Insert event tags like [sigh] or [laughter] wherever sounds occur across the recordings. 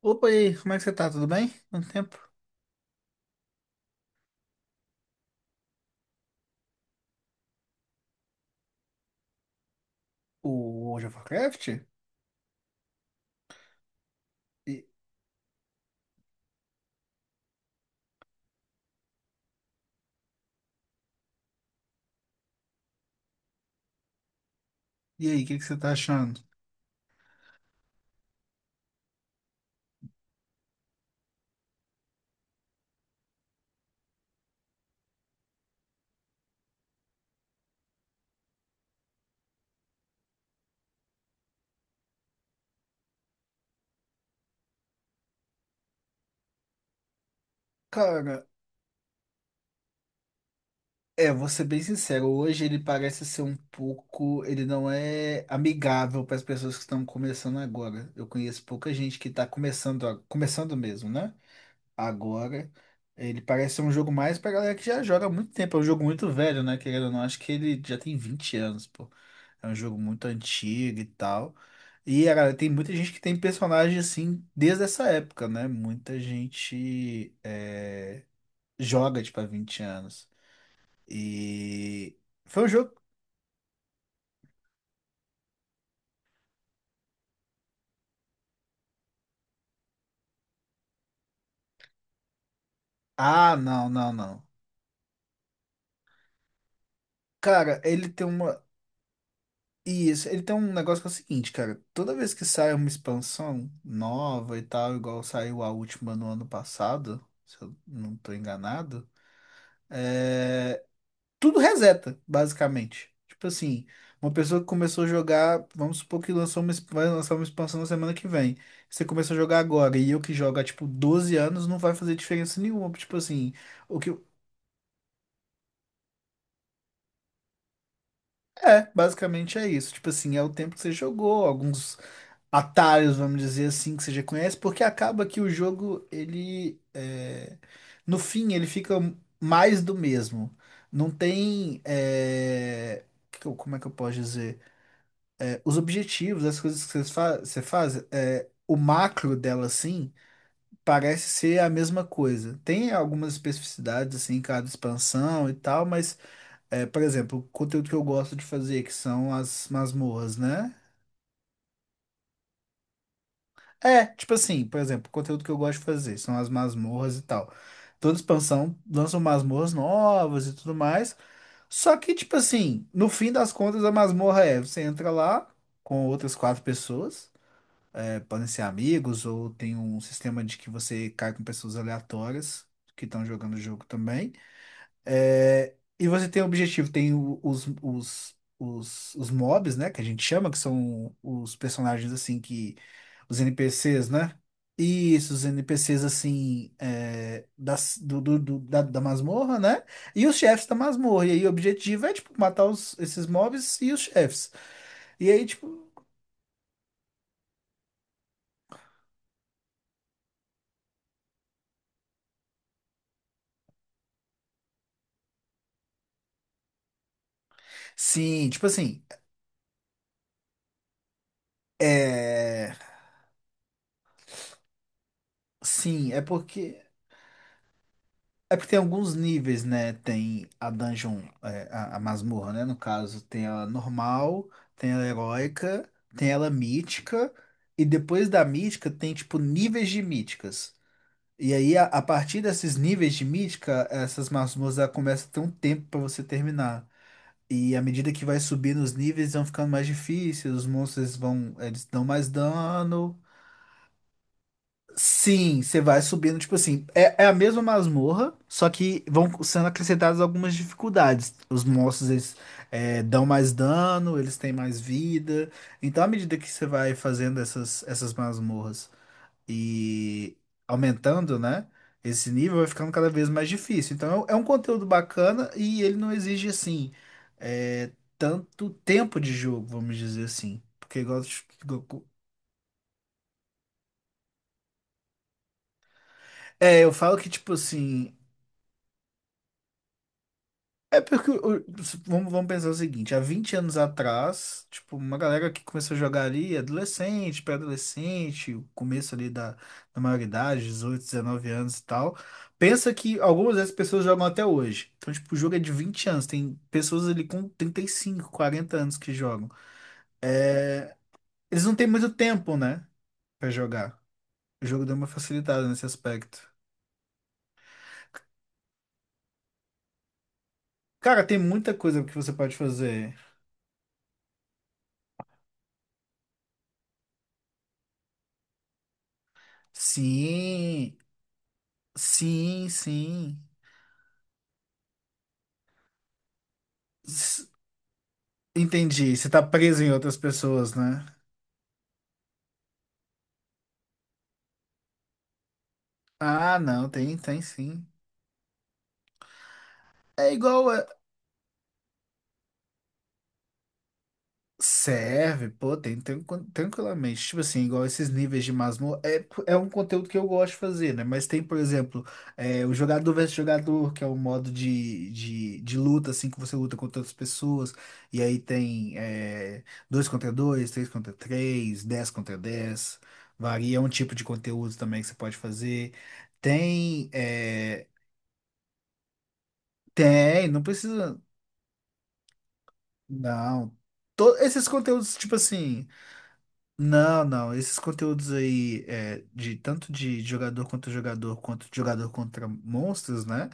Opa, e aí, como é que você tá? Tudo bem? Quanto tempo? O World of Warcraft? E, e aí, o que que você tá achando? Cara, vou ser bem sincero, hoje ele parece ser um pouco. Ele não é amigável para as pessoas que estão começando agora. Eu conheço pouca gente que tá começando, começando mesmo, né? agora. Ele parece ser um jogo mais pra galera que já joga há muito tempo. É um jogo muito velho, né? Querendo ou não, acho que ele já tem 20 anos, pô. É um jogo muito antigo e tal. E a galera, tem muita gente que tem personagem assim desde essa época, né? Muita gente joga, tipo, há 20 anos. E foi um jogo. Ah, não, não, não. Cara, ele tem uma. E ele tem um negócio que é o seguinte, cara. Toda vez que sai uma expansão nova e tal, igual saiu a última no ano passado, se eu não tô enganado, é, tudo reseta, basicamente. Tipo assim, uma pessoa que começou a jogar, vamos supor que lançou vai lançar uma expansão na semana que vem. Você começou a jogar agora e eu que jogo há tipo 12 anos, não vai fazer diferença nenhuma. Tipo assim, o que. É, basicamente é isso. Tipo assim, é o tempo que você jogou, alguns atalhos, vamos dizer assim, que você já conhece, porque acaba que o jogo, ele, no fim, ele fica mais do mesmo. Não tem, como é que eu posso dizer? Os objetivos, as coisas que você faz, o macro dela, assim, parece ser a mesma coisa. Tem algumas especificidades, assim, em cada expansão e tal, mas por exemplo, o conteúdo que eu gosto de fazer, que são as masmorras, né? Tipo assim, por exemplo, o conteúdo que eu gosto de fazer são as masmorras e tal. Toda expansão lançam masmorras novas e tudo mais. Só que, tipo assim, no fim das contas, a masmorra é: você entra lá com outras quatro pessoas, podem ser amigos, ou tem um sistema de que você cai com pessoas aleatórias que estão jogando o jogo também. E você tem o objetivo, os mobs, né? Que a gente chama, que são os personagens assim que. Os NPCs, né? Isso, os NPCs assim das, do, do- do- da, da masmorra, né? E os chefes da masmorra. E aí o objetivo é, tipo, matar esses mobs e os chefes. E aí, tipo, sim, tipo assim. É, sim, é porque. É porque tem alguns níveis, né? Tem a dungeon, a masmorra, né? No caso, tem ela normal, tem ela heróica, tem ela mítica, e depois da mítica tem, tipo, níveis de míticas. E aí, a partir desses níveis de mítica, essas masmorras ela começa a ter um tempo pra você terminar. E à medida que vai subindo os níveis, vão ficando mais difíceis, os monstros vão, eles dão mais dano. Sim, você vai subindo, tipo assim, é a mesma masmorra, só que vão sendo acrescentadas algumas dificuldades. Os monstros, eles dão mais dano, eles têm mais vida. Então, à medida que você vai fazendo essas masmorras e aumentando, né, esse nível vai ficando cada vez mais difícil. Então, é um conteúdo bacana e ele não exige, assim, é, tanto tempo de jogo, vamos dizer assim. Porque igual... eu falo que, tipo assim, é porque, vamos pensar o seguinte, há 20 anos atrás, tipo, uma galera que começou a jogar ali, adolescente, pré-adolescente, o começo ali da maioridade, 18, 19 anos e tal, pensa que algumas dessas pessoas jogam até hoje. Então, tipo, o jogo é de 20 anos, tem pessoas ali com 35, 40 anos que jogam. É, eles não têm muito tempo, né, pra jogar. O jogo deu uma facilitada nesse aspecto. Cara, tem muita coisa que você pode fazer. Sim, sim, sim. S- Entendi, você tá preso em outras pessoas, né? Ah, não, tem, tem sim. É igual a... Serve, pô, tem tranquilamente. Tipo assim, igual esses níveis de masmorra. É, é um conteúdo que eu gosto de fazer, né? Mas tem, por exemplo, o jogador versus jogador, que é um modo de luta, assim, que você luta contra outras pessoas. E aí tem dois contra dois, três contra três, 10 contra 10. Varia, é um tipo de conteúdo também que você pode fazer. Tem. Tem, não precisa. Não. Esses conteúdos, tipo assim. Não, não. Esses conteúdos aí, de tanto de jogador contra jogador, quanto de jogador contra monstros, né?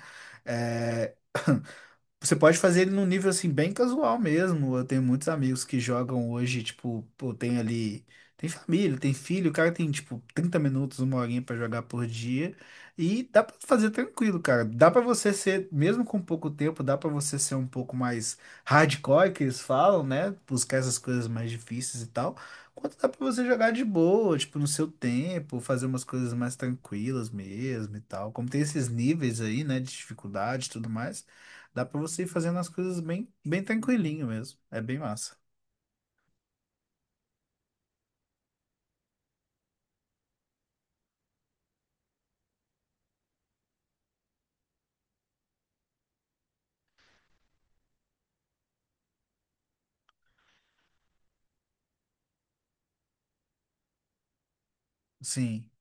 É. [clears throat] Você pode fazer ele num nível assim bem casual mesmo. Eu tenho muitos amigos que jogam hoje, tipo, pô, tem ali, tem família, tem filho, o cara tem tipo 30 minutos, uma horinha pra jogar por dia e dá pra fazer tranquilo, cara. Dá pra você ser, mesmo com pouco tempo, dá pra você ser um pouco mais hardcore que eles falam, né? Buscar essas coisas mais difíceis e tal. Quanto dá pra você jogar de boa, tipo, no seu tempo, fazer umas coisas mais tranquilas mesmo e tal. Como tem esses níveis aí, né, de dificuldade e tudo mais. Dá pra você ir fazendo as coisas bem, bem tranquilinho mesmo. É bem massa. Sim. [laughs]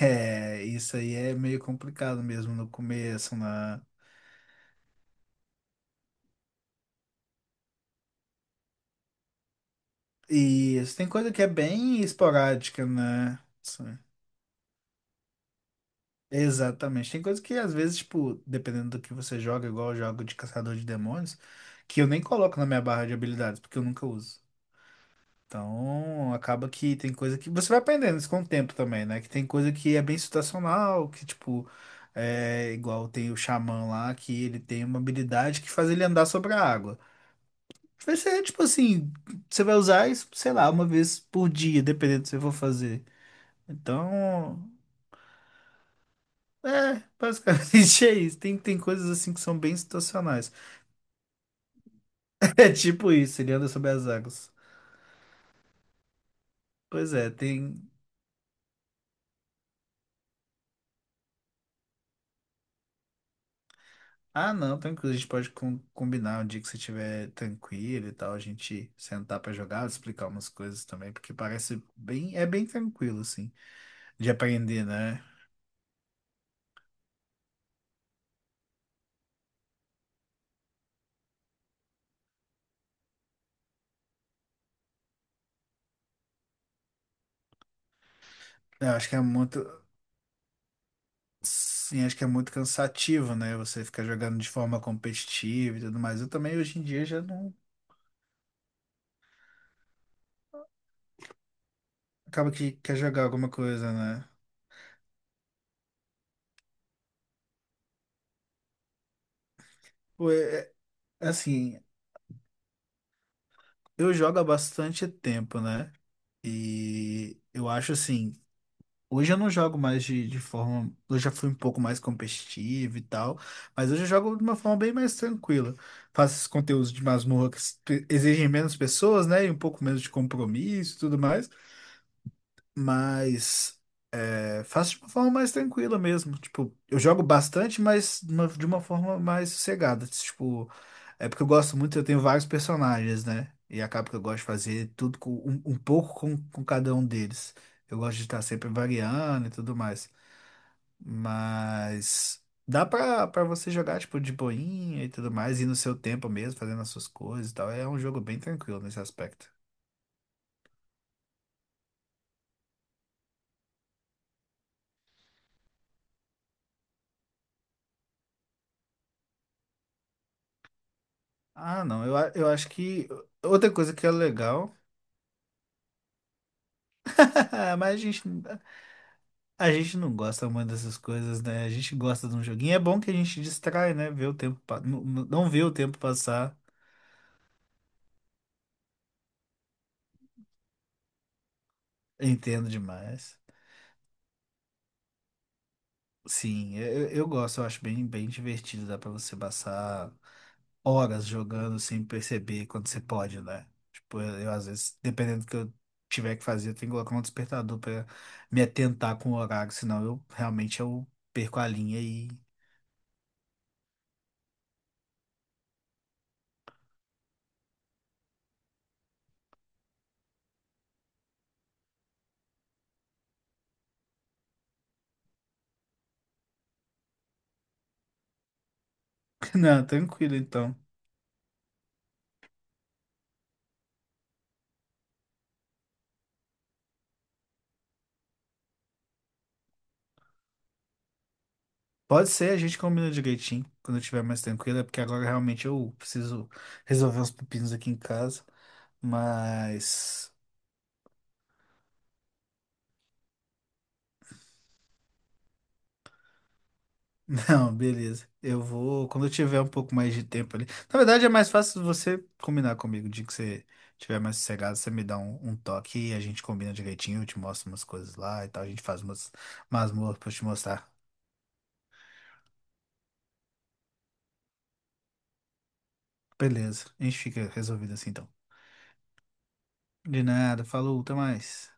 É, isso aí é meio complicado mesmo no começo, né? E isso, tem coisa que é bem esporádica, né? Sim. Exatamente. Tem coisa que às vezes, tipo, dependendo do que você joga, igual eu jogo de caçador de demônios, que eu nem coloco na minha barra de habilidades, porque eu nunca uso. Então, acaba que tem coisa que você vai aprendendo isso com o tempo também, né? Que tem coisa que é bem situacional, que tipo, é igual tem o xamã lá, que ele tem uma habilidade que faz ele andar sobre a água. Vai ser tipo assim, você vai usar isso, sei lá, uma vez por dia, dependendo do que você for fazer. Então, basicamente [laughs] é isso. Tem coisas assim que são bem situacionais. [laughs] É tipo isso, ele anda sobre as águas. Pois é, tem. Ah, não, tranquilo. A gente pode combinar um dia que você estiver tranquilo e tal, a gente sentar pra jogar, explicar umas coisas também, porque parece bem, é bem tranquilo, assim, de aprender, né? Eu acho que é muito, sim, acho que é muito cansativo, né? Você ficar jogando de forma competitiva e tudo mais. Eu também hoje em dia já não acaba que quer jogar alguma coisa, né? Pô, assim, eu jogo há bastante tempo, né? E eu acho assim. Hoje eu não jogo mais de, forma. Eu já fui um pouco mais competitivo e tal, mas hoje eu jogo de uma forma bem mais tranquila. Faço esses conteúdos de masmorra que exigem menos pessoas, né? E um pouco menos de compromisso e tudo mais. Mas faço de uma forma mais tranquila mesmo. Tipo, eu jogo bastante, mas de uma forma mais sossegada. Tipo, é porque eu gosto muito, eu tenho vários personagens, né? E acaba que eu gosto de fazer tudo um pouco com cada um deles. Eu gosto de estar sempre variando e tudo mais. Mas dá pra você jogar, tipo, de boinha e tudo mais, e no seu tempo mesmo, fazendo as suas coisas e tal. É um jogo bem tranquilo nesse aspecto. Ah, não, eu acho que outra coisa que é legal, [laughs] mas a gente não gosta muito dessas coisas, né? A gente gosta de um joguinho. É bom que a gente distrai, né? Ver o tempo, não, não ver o tempo passar. Entendo demais. Sim, eu gosto, eu acho bem, bem divertido. Dá pra você passar horas jogando sem perceber quando você pode, né? Tipo, eu, às vezes, dependendo do que eu tiver que fazer, eu tenho que colocar um despertador pra me atentar com o horário, senão eu realmente eu perco a linha e. [laughs] Não, tranquilo então. Pode ser, a gente combina direitinho quando eu estiver mais tranquilo, é porque agora realmente eu preciso resolver uns pepinos aqui em casa, mas. Não, beleza. Eu vou, quando eu tiver um pouco mais de tempo ali. Na verdade, é mais fácil você combinar comigo. O dia que você tiver mais sossegado, você me dá um toque e a gente combina direitinho. Eu te mostro umas coisas lá e tal. A gente faz umas masmorras pra eu te mostrar. Beleza. A gente fica resolvido assim então. De nada. Falou, até mais.